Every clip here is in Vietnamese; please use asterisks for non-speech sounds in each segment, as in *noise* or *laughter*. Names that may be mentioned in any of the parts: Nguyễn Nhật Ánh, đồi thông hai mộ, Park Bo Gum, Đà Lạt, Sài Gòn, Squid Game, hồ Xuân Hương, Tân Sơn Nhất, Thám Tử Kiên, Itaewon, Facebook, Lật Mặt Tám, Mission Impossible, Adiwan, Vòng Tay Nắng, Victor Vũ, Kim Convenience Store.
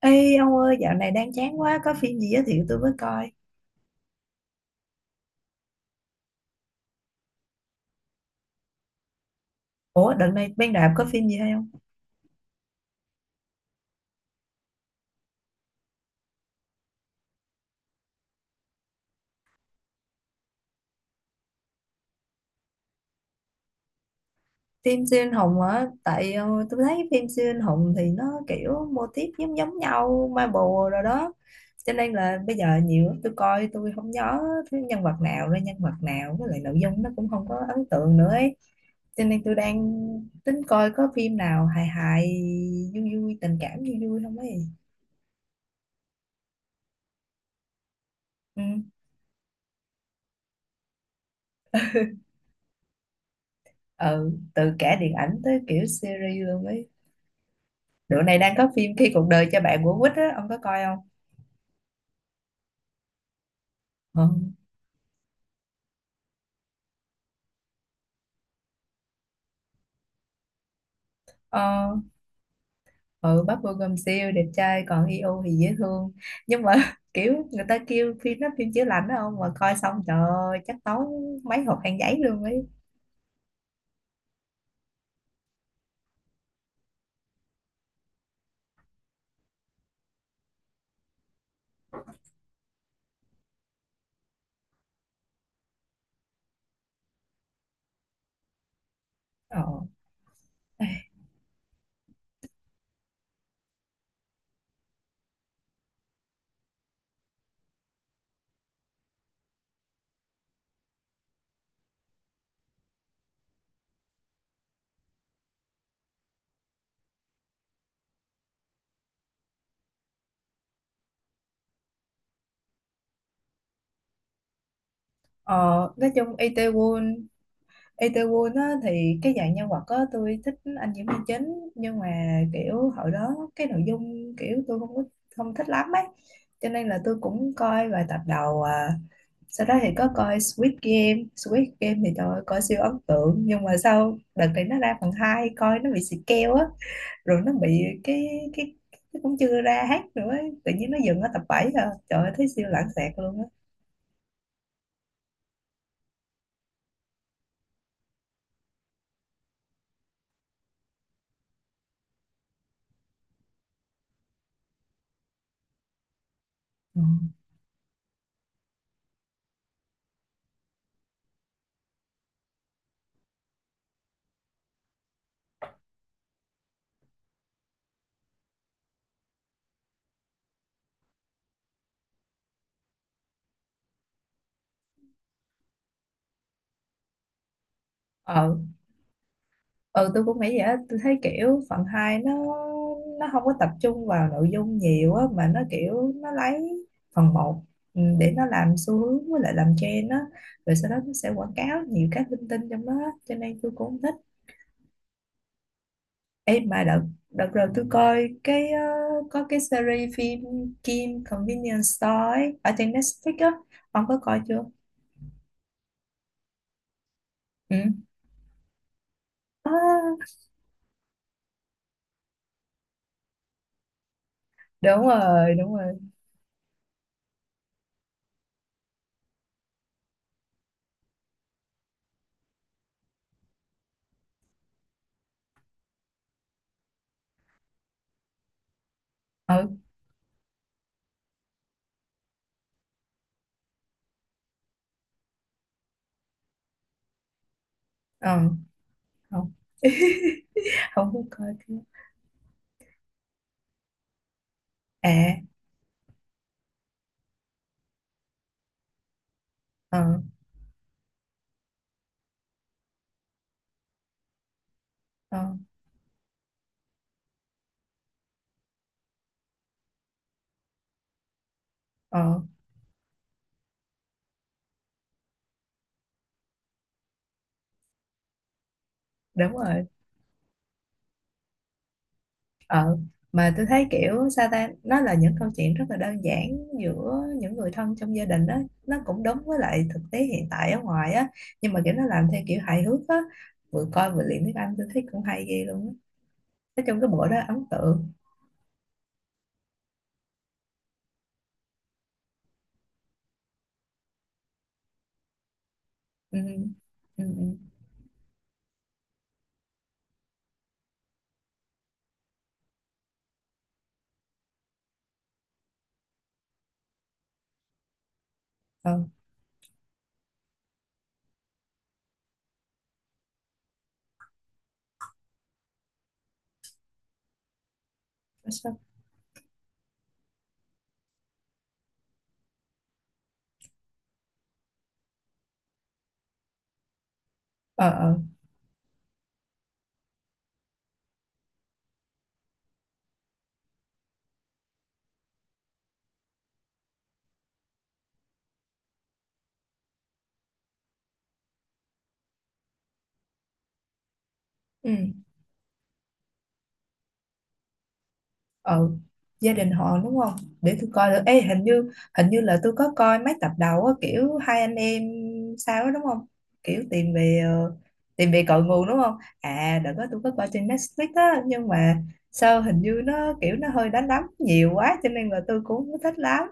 Ê ông ơi, dạo này đang chán quá. Có phim gì giới thiệu tôi mới coi? Ủa, đợt này bên đạp có phim gì hay không? Phim siêu anh hùng hả? Tại tôi thấy phim siêu anh hùng thì nó kiểu mô típ giống giống nhau Marvel rồi đó. Cho nên là bây giờ nhiều lắm, tôi coi tôi không nhớ thứ nhân vật nào ra nhân vật nào. Với lại nội dung nó cũng không có ấn tượng nữa ấy. Cho nên tôi đang tính coi có phim nào hài hài, vui vui, tình cảm vui vui không ấy. Ừ, ừ, từ cả điện ảnh tới kiểu series luôn ấy. Dạo này đang có phim Khi cuộc đời cho bạn của Quýt á, ông có coi không? Ừ. Ờ, ừ, Park Bo Gum siêu đẹp trai còn Hyo thì dễ thương. Nhưng mà *laughs* kiểu người ta kêu phim nó phim chữa lành đó, ông mà coi xong trời ơi, chắc tốn mấy hộp khăn giấy luôn ấy. Ờ. Ờ, nói chung Itaewon Itaewon á, thì cái dạng nhân vật á, tôi thích anh diễn viên chính nhưng mà kiểu hồi đó cái nội dung kiểu tôi không có không thích lắm ấy, cho nên là tôi cũng coi vài tập đầu à, sau đó thì có coi Squid Game thì trời ơi, coi siêu ấn tượng nhưng mà sau đợt này nó ra phần 2 coi nó bị xịt keo á, rồi nó bị cái cũng chưa ra hết nữa ấy. Tự nhiên nó dừng ở tập 7 rồi trời ơi, thấy siêu lãng xẹt luôn á. Ừ. Ờ, ờ, tôi cũng nghĩ vậy á, tôi thấy kiểu phần 2 nó không có tập trung vào nội dung nhiều á, mà nó kiểu nó lấy phần 1 để nó làm xu hướng với lại làm trend á, rồi sau đó nó sẽ quảng cáo nhiều cái linh tinh trong đó á. Cho nên tôi cũng không thích. Ê, mà đợt đợt rồi tôi coi có cái series phim Kim Convenience Store ấy, ở trên Netflix á, ông có coi chưa? Ừ. À, đúng rồi, đúng rồi. Ừ, ừ, không, không có coi chứ. À, ờ, ờ, ờ, đúng rồi. Ờ, mà tôi thấy kiểu sao ta, nó là những câu chuyện rất là đơn giản giữa những người thân trong gia đình đó, nó cũng đúng với lại thực tế hiện tại ở ngoài á, nhưng mà kiểu nó làm theo kiểu hài hước á, vừa coi vừa luyện tiếng Anh tôi thấy cũng hay ghê luôn á. Nói chung cái bộ đó ấn tượng. Ừ, ừ, ừ. Ờ, nó sao? Ờ, ờ. Ừ. Ừ, gia đình họ đúng không, để tôi coi được. Ê, hình như là tôi có coi mấy tập đầu á, kiểu hai anh em sao đó, đúng không, kiểu tìm về cội nguồn đúng không? À, đợt đó tôi có coi trên Netflix á nhưng mà sao hình như nó kiểu nó hơi đánh đấm nhiều quá cho nên là tôi cũng không thích lắm.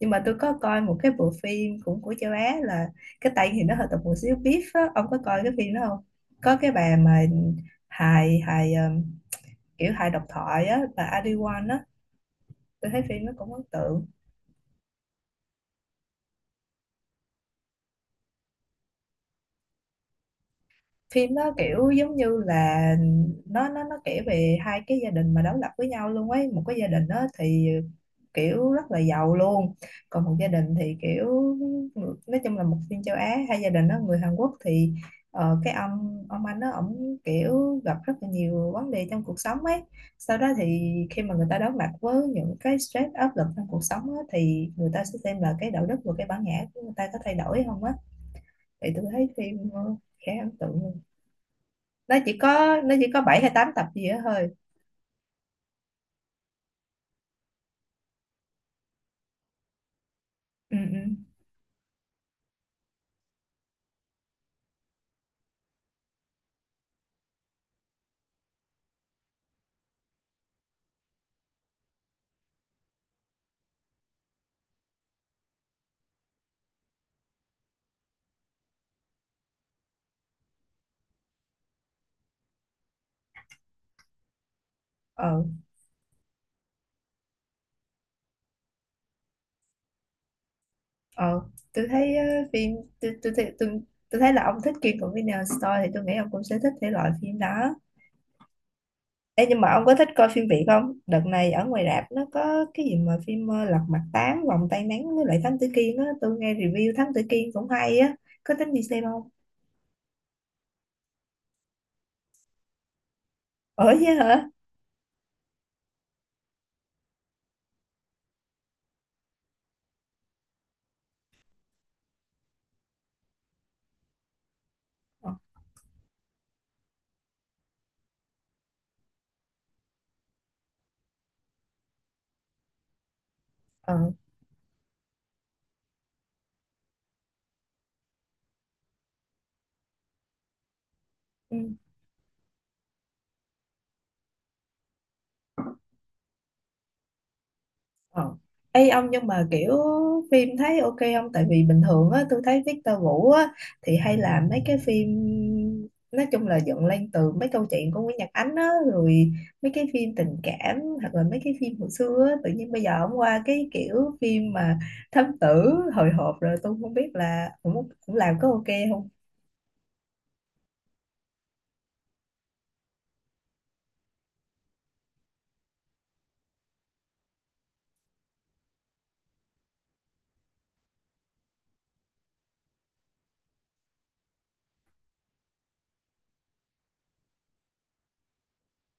Nhưng mà tôi có coi một cái bộ phim cũng của châu Á là, cái tay thì nó hơi tập một xíu beef á, ông có coi cái phim đó không? Có cái bà mà hài hài, kiểu hài độc thoại á, bà Adiwan á, tôi thấy phim nó cũng ấn tượng. Phim nó kiểu giống như là nó kể về hai cái gia đình mà đối lập với nhau luôn ấy, một cái gia đình đó thì kiểu rất là giàu luôn, còn một gia đình thì kiểu, nói chung là một phim châu Á, hai gia đình đó người Hàn Quốc thì cái ông anh đó ổng kiểu gặp rất là nhiều vấn đề trong cuộc sống ấy, sau đó thì khi mà người ta đối mặt với những cái stress áp lực trong cuộc sống á, thì người ta sẽ xem là cái đạo đức và cái bản ngã của người ta có thay đổi không á. Thì tôi thấy phim khá ấn tượng luôn, nó chỉ có 7 hay 8 tập gì đó thôi. Ừ, ừ, ờ, ờ, tôi thấy phim tôi tôi thấy tôi, tôi thấy là ông thích Kim Convenience Store thì tôi nghĩ ông cũng sẽ thích thể loại phim đó. Ê, nhưng mà ông có thích coi phim Việt không? Đợt này ở ngoài rạp nó có cái gì mà phim Lật Mặt Tám, Vòng Tay Nắng với lại Thám Tử Kiên á, tôi nghe review Thám Tử Kiên cũng hay á, có tính đi xem không? Ở chứ hả? Ờ, ờ, ừ. Ờ. Ê ông, nhưng mà kiểu phim thấy ok không? Tại vì bình thường á, tôi thấy Victor Vũ á, thì hay làm mấy cái phim nói chung là dựng lên từ mấy câu chuyện của Nguyễn Nhật Ánh á, rồi mấy cái phim tình cảm hoặc là mấy cái phim hồi xưa á, tự nhiên bây giờ ông qua cái kiểu phim mà thám tử hồi hộp, rồi tôi không biết là cũng cũng làm có ok không?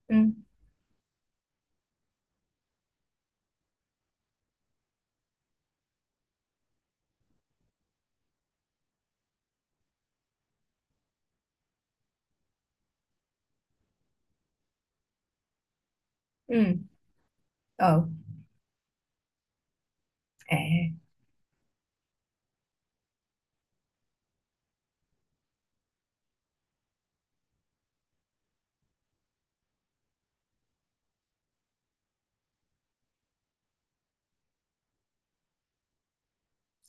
Ừ, ừ, ờ, à,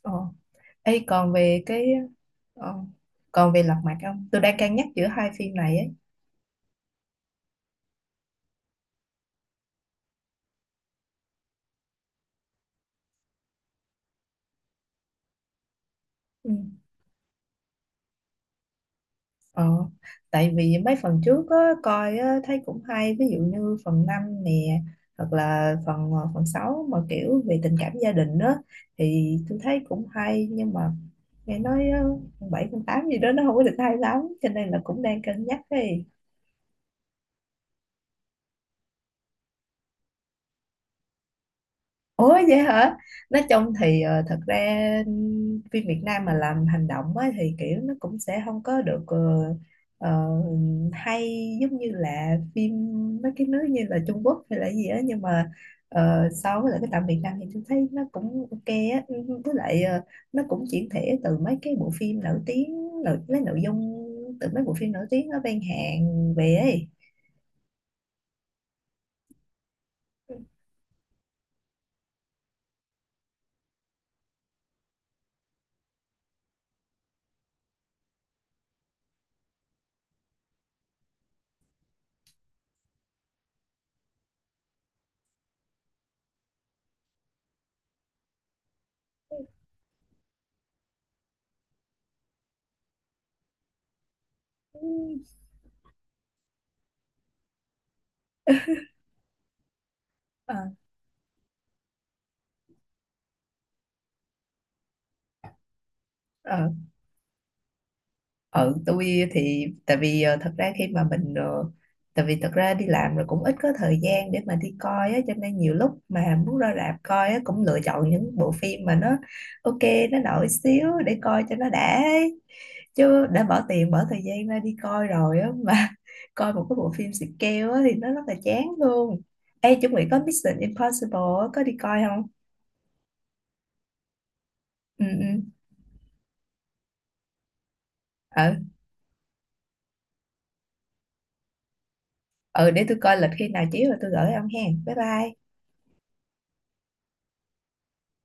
ờ. Ê, còn về ờ, Lật Mặt không? Tôi đang cân nhắc giữa hai phim này ấy. Ừ. Ờ, tại vì mấy phần trước á, coi á, thấy cũng hay, ví dụ như phần 5 nè hoặc là phần 6 mà kiểu về tình cảm gia đình á thì tôi thấy cũng hay, nhưng mà nghe nói á, phần 7, phần 8 gì đó nó không có được hay lắm cho nên là cũng đang cân nhắc đi. Ủa vậy hả? Nói chung thì thật ra phim Việt Nam mà làm hành động á, thì kiểu nó cũng sẽ không có được ờ, hay giống như là phim mấy cái nước như là Trung Quốc hay là gì á, nhưng mà so với lại cái tạm Việt Nam thì tôi thấy nó cũng ok á. Ừ, với lại nó cũng chuyển thể từ mấy cái bộ phim nổi tiếng lấy nội dung từ mấy bộ phim nổi tiếng ở bên Hàn về ấy. Ừ, ờ, ờ. Ừ, tôi thì tại vì thật ra khi mà mình tại vì thật ra đi làm rồi cũng ít có thời gian để mà đi coi á, cho nên nhiều lúc mà muốn ra rạp coi á cũng lựa chọn những bộ phim mà nó ok, nó nổi xíu để coi cho nó đã ấy. Chứ đã bỏ tiền bỏ thời gian ra đi coi rồi á mà *laughs* coi một cái bộ phim xịt keo á thì nó rất là chán luôn. Ê chuẩn bị có Mission Impossible á, có đi coi không? Ừ, ừ, ừ, ừ, để tôi coi lịch khi nào chiếu rồi tôi gửi ông hen, bye bye.